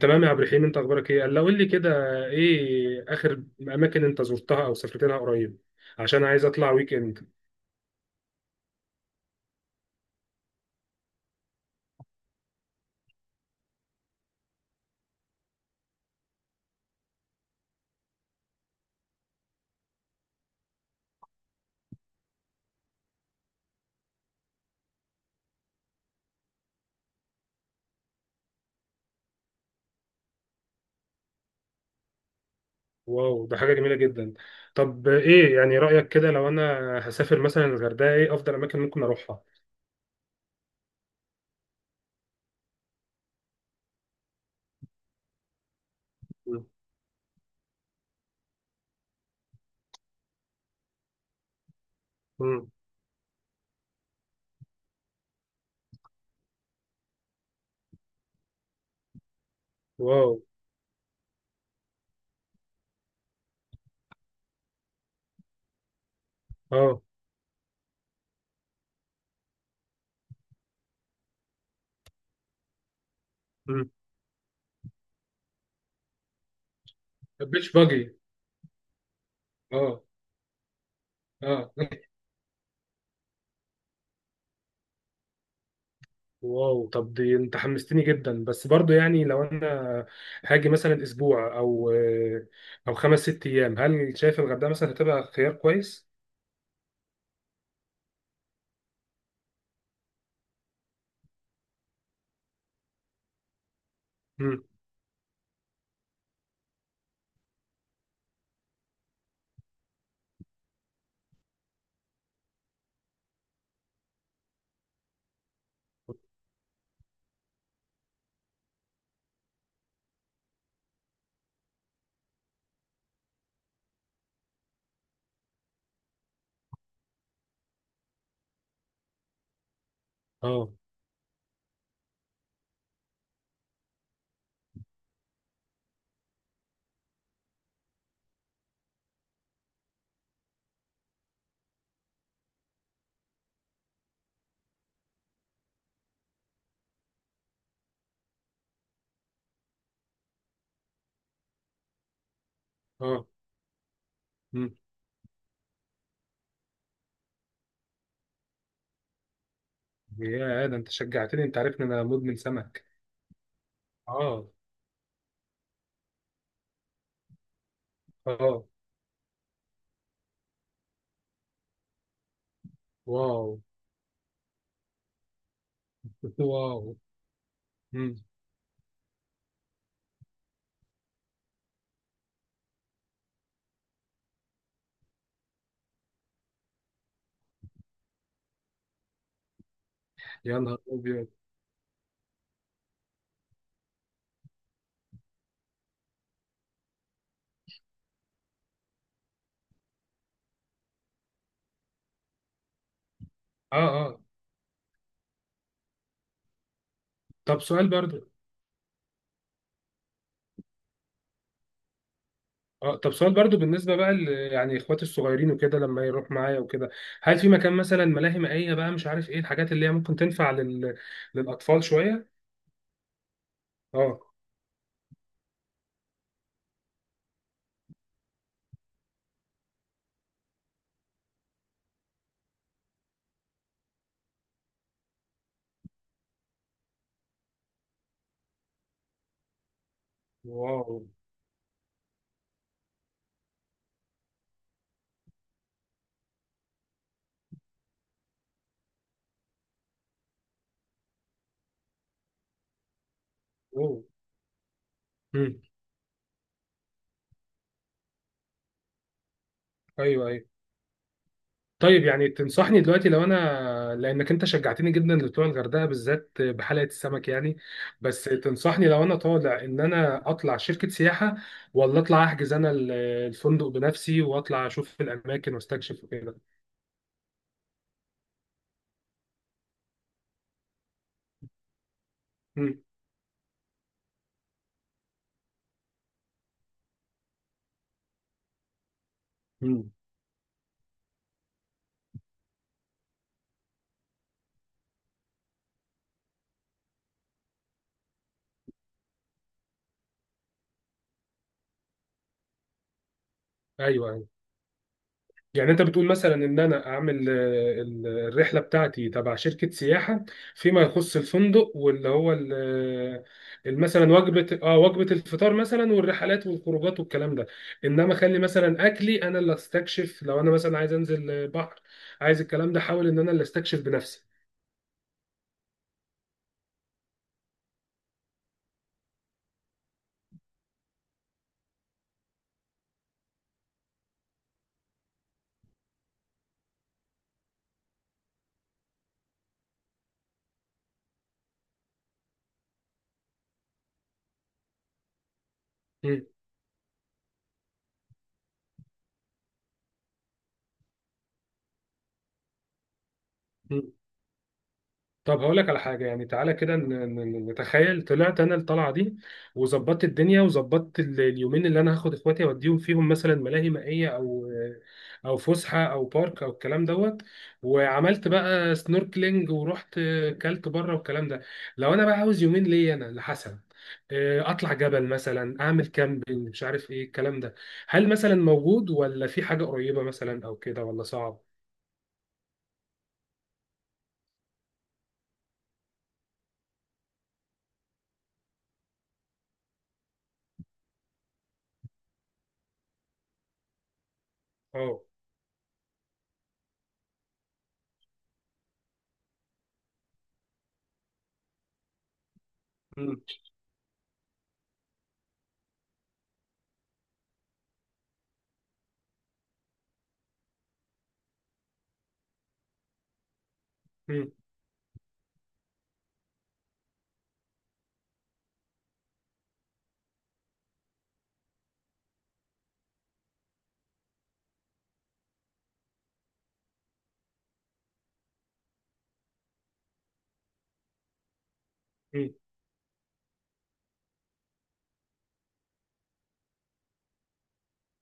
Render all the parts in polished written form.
تمام يا عبد الرحيم، انت اخبارك ايه؟ قال له قول لي كده. ايه اخر اماكن انت زرتها او سافرت لها قريب؟ عشان عايز اطلع ويك اند. واو، ده حاجه جميله جدا. طب ايه يعني رايك كده لو انا هسافر مثلا الغردقه، ايه افضل اماكن ممكن اروحها؟ مم. مم. واو. اه. مم. بيتش باجي. اه، اه. واو. طب دي انت حمستني جدا، بس برضو يعني لو انا هاجي مثلا اسبوع او 5 6 ايام، هل شايف الغردقه مثلا هتبقى خيار كويس؟ اه، اه. مم. يا ده، انت شجعتني، انت عارفني انا مدمن سمك. اه. اه. واو. واو. مم. يا نهار ابيض. اه، اه. طب سؤال برضو اه طب سؤال برضو بالنسبه بقى يعني اخواتي الصغيرين وكده لما يروح معايا وكده، هل في مكان مثلا ملاهي مائيه بقى، مش عارف ايه الحاجات اللي هي ممكن تنفع للاطفال شويه؟ اه. واو. اوه. مم. ايوه، ايوه. طيب، يعني تنصحني دلوقتي لو انا، لانك انت شجعتني جدا لطلوع الغردقه بالذات بحلقه السمك يعني، بس تنصحني لو انا طالع ان انا اطلع شركه سياحه ولا اطلع احجز انا الفندق بنفسي واطلع اشوف الاماكن واستكشف وكده؟ امم. مم. ايوه. يعني انت بتقول مثلا ان انا اعمل الرحله بتاعتي تبع شركه سياحه، فيما يخص الفندق واللي هو مثلا وجبه الفطار مثلا والرحلات والخروجات والكلام ده. انما خلي مثلا اكلي انا اللي استكشف، لو انا مثلا عايز انزل بحر، عايز الكلام ده، حاول ان انا اللي استكشف بنفسي. طب هقول لك على حاجة، يعني تعالى كده نتخيل طلعت أنا الطلعة دي، وظبطت الدنيا وظبطت اليومين اللي أنا هاخد إخواتي أوديهم فيهم، مثلا ملاهي مائية أو فسحة أو بارك أو الكلام دوت، وعملت بقى سنوركلينج ورحت كلت بره والكلام ده. لو أنا بقى عاوز يومين ليا أنا لحسن، أطلع جبل مثلا، أعمل كامبينج، مش عارف إيه الكلام ده، هل مثلا موجود ولا في حاجة قريبة مثلا أو كده ولا صعب؟ أه.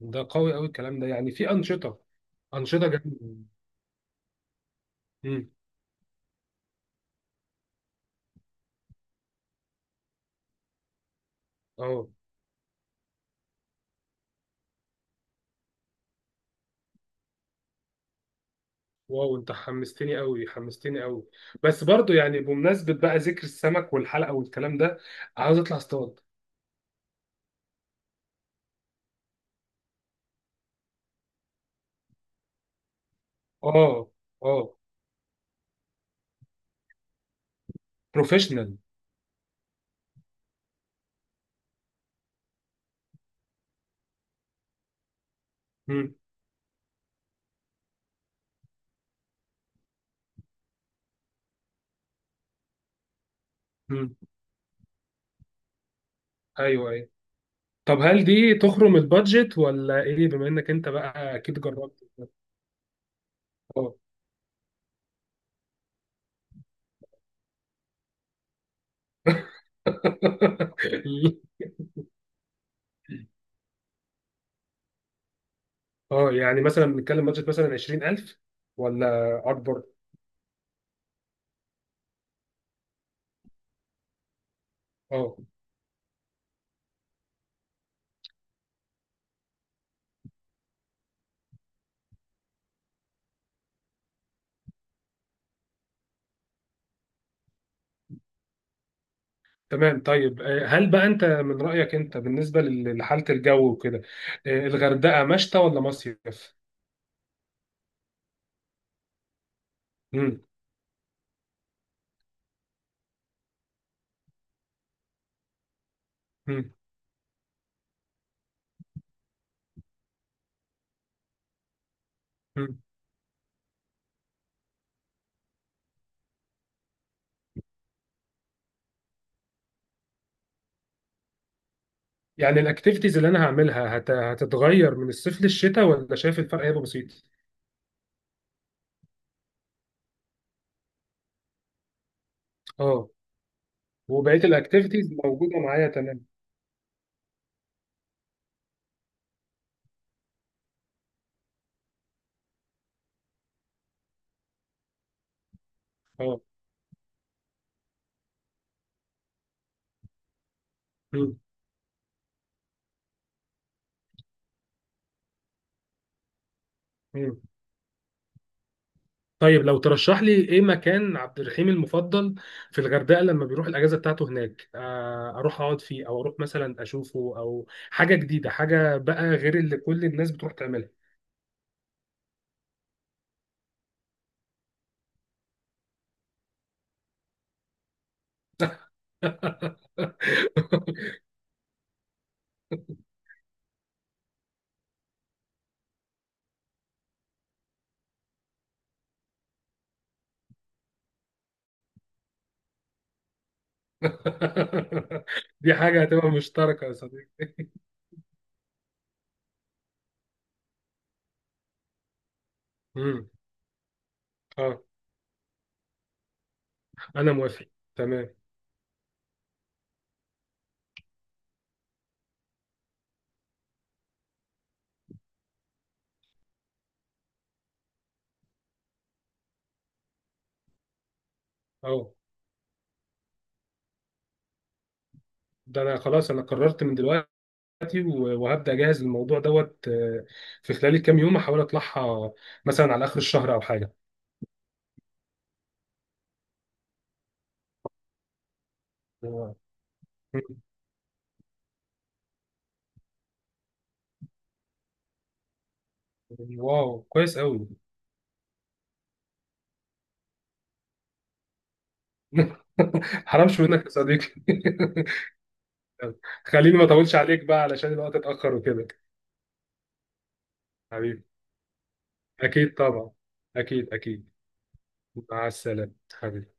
ده قوي قوي الكلام ده، يعني في أنشطة. أنشطة جامدة. امم. اه. واو، انت حمستني قوي، حمستني قوي. بس برضو يعني، بمناسبة بقى ذكر السمك والحلقة والكلام ده، عاوز اطلع اصطاد. اه، اه. بروفيشنال. امم، امم. ايوه، ايوه. طب هل دي تخرم البادجت ولا ايه، بما انك انت بقى اكيد جربت؟ اه. اه، يعني مثلا بنتكلم بادجت مثلا 20,000 ولا اكبر؟ اه. تمام. طيب، هل بقى انت من رأيك، انت بالنسبة لحالة الجو وكده، الغردقة مشتى ولا مصيف؟ مم. مم. مم. يعني الاكتيفيتيز اللي انا هعملها هتتغير من الصيف للشتاء ولا شايف الفرق هيبقى بسيط؟ اه. وبقية الاكتيفيتيز موجودة معايا، تمام. اه. مم. مم. طيب، لو ترشح لي ايه مكان عبد الرحيم المفضل في الغردقة لما بيروح الاجازة بتاعته هناك، اروح اقعد فيه او اروح مثلا اشوفه او حاجة جديدة، حاجة بقى غير اللي كل الناس بتروح تعملها؟ دي حاجة هتبقى مشتركة يا صديقي. امم. اه. انا موافق. تمام. اه. ده انا خلاص، انا قررت من دلوقتي، وهبدأ اجهز الموضوع دوت، في خلال الكام يوم احاول اطلعها مثلا على اخر الشهر او حاجة. واو. واو، كويس قوي. حرامش منك يا صديقي. خليني ما اطولش عليك بقى علشان الوقت اتأخر وكده. حبيبي، اكيد طبعا، اكيد اكيد. مع السلامة حبيبي.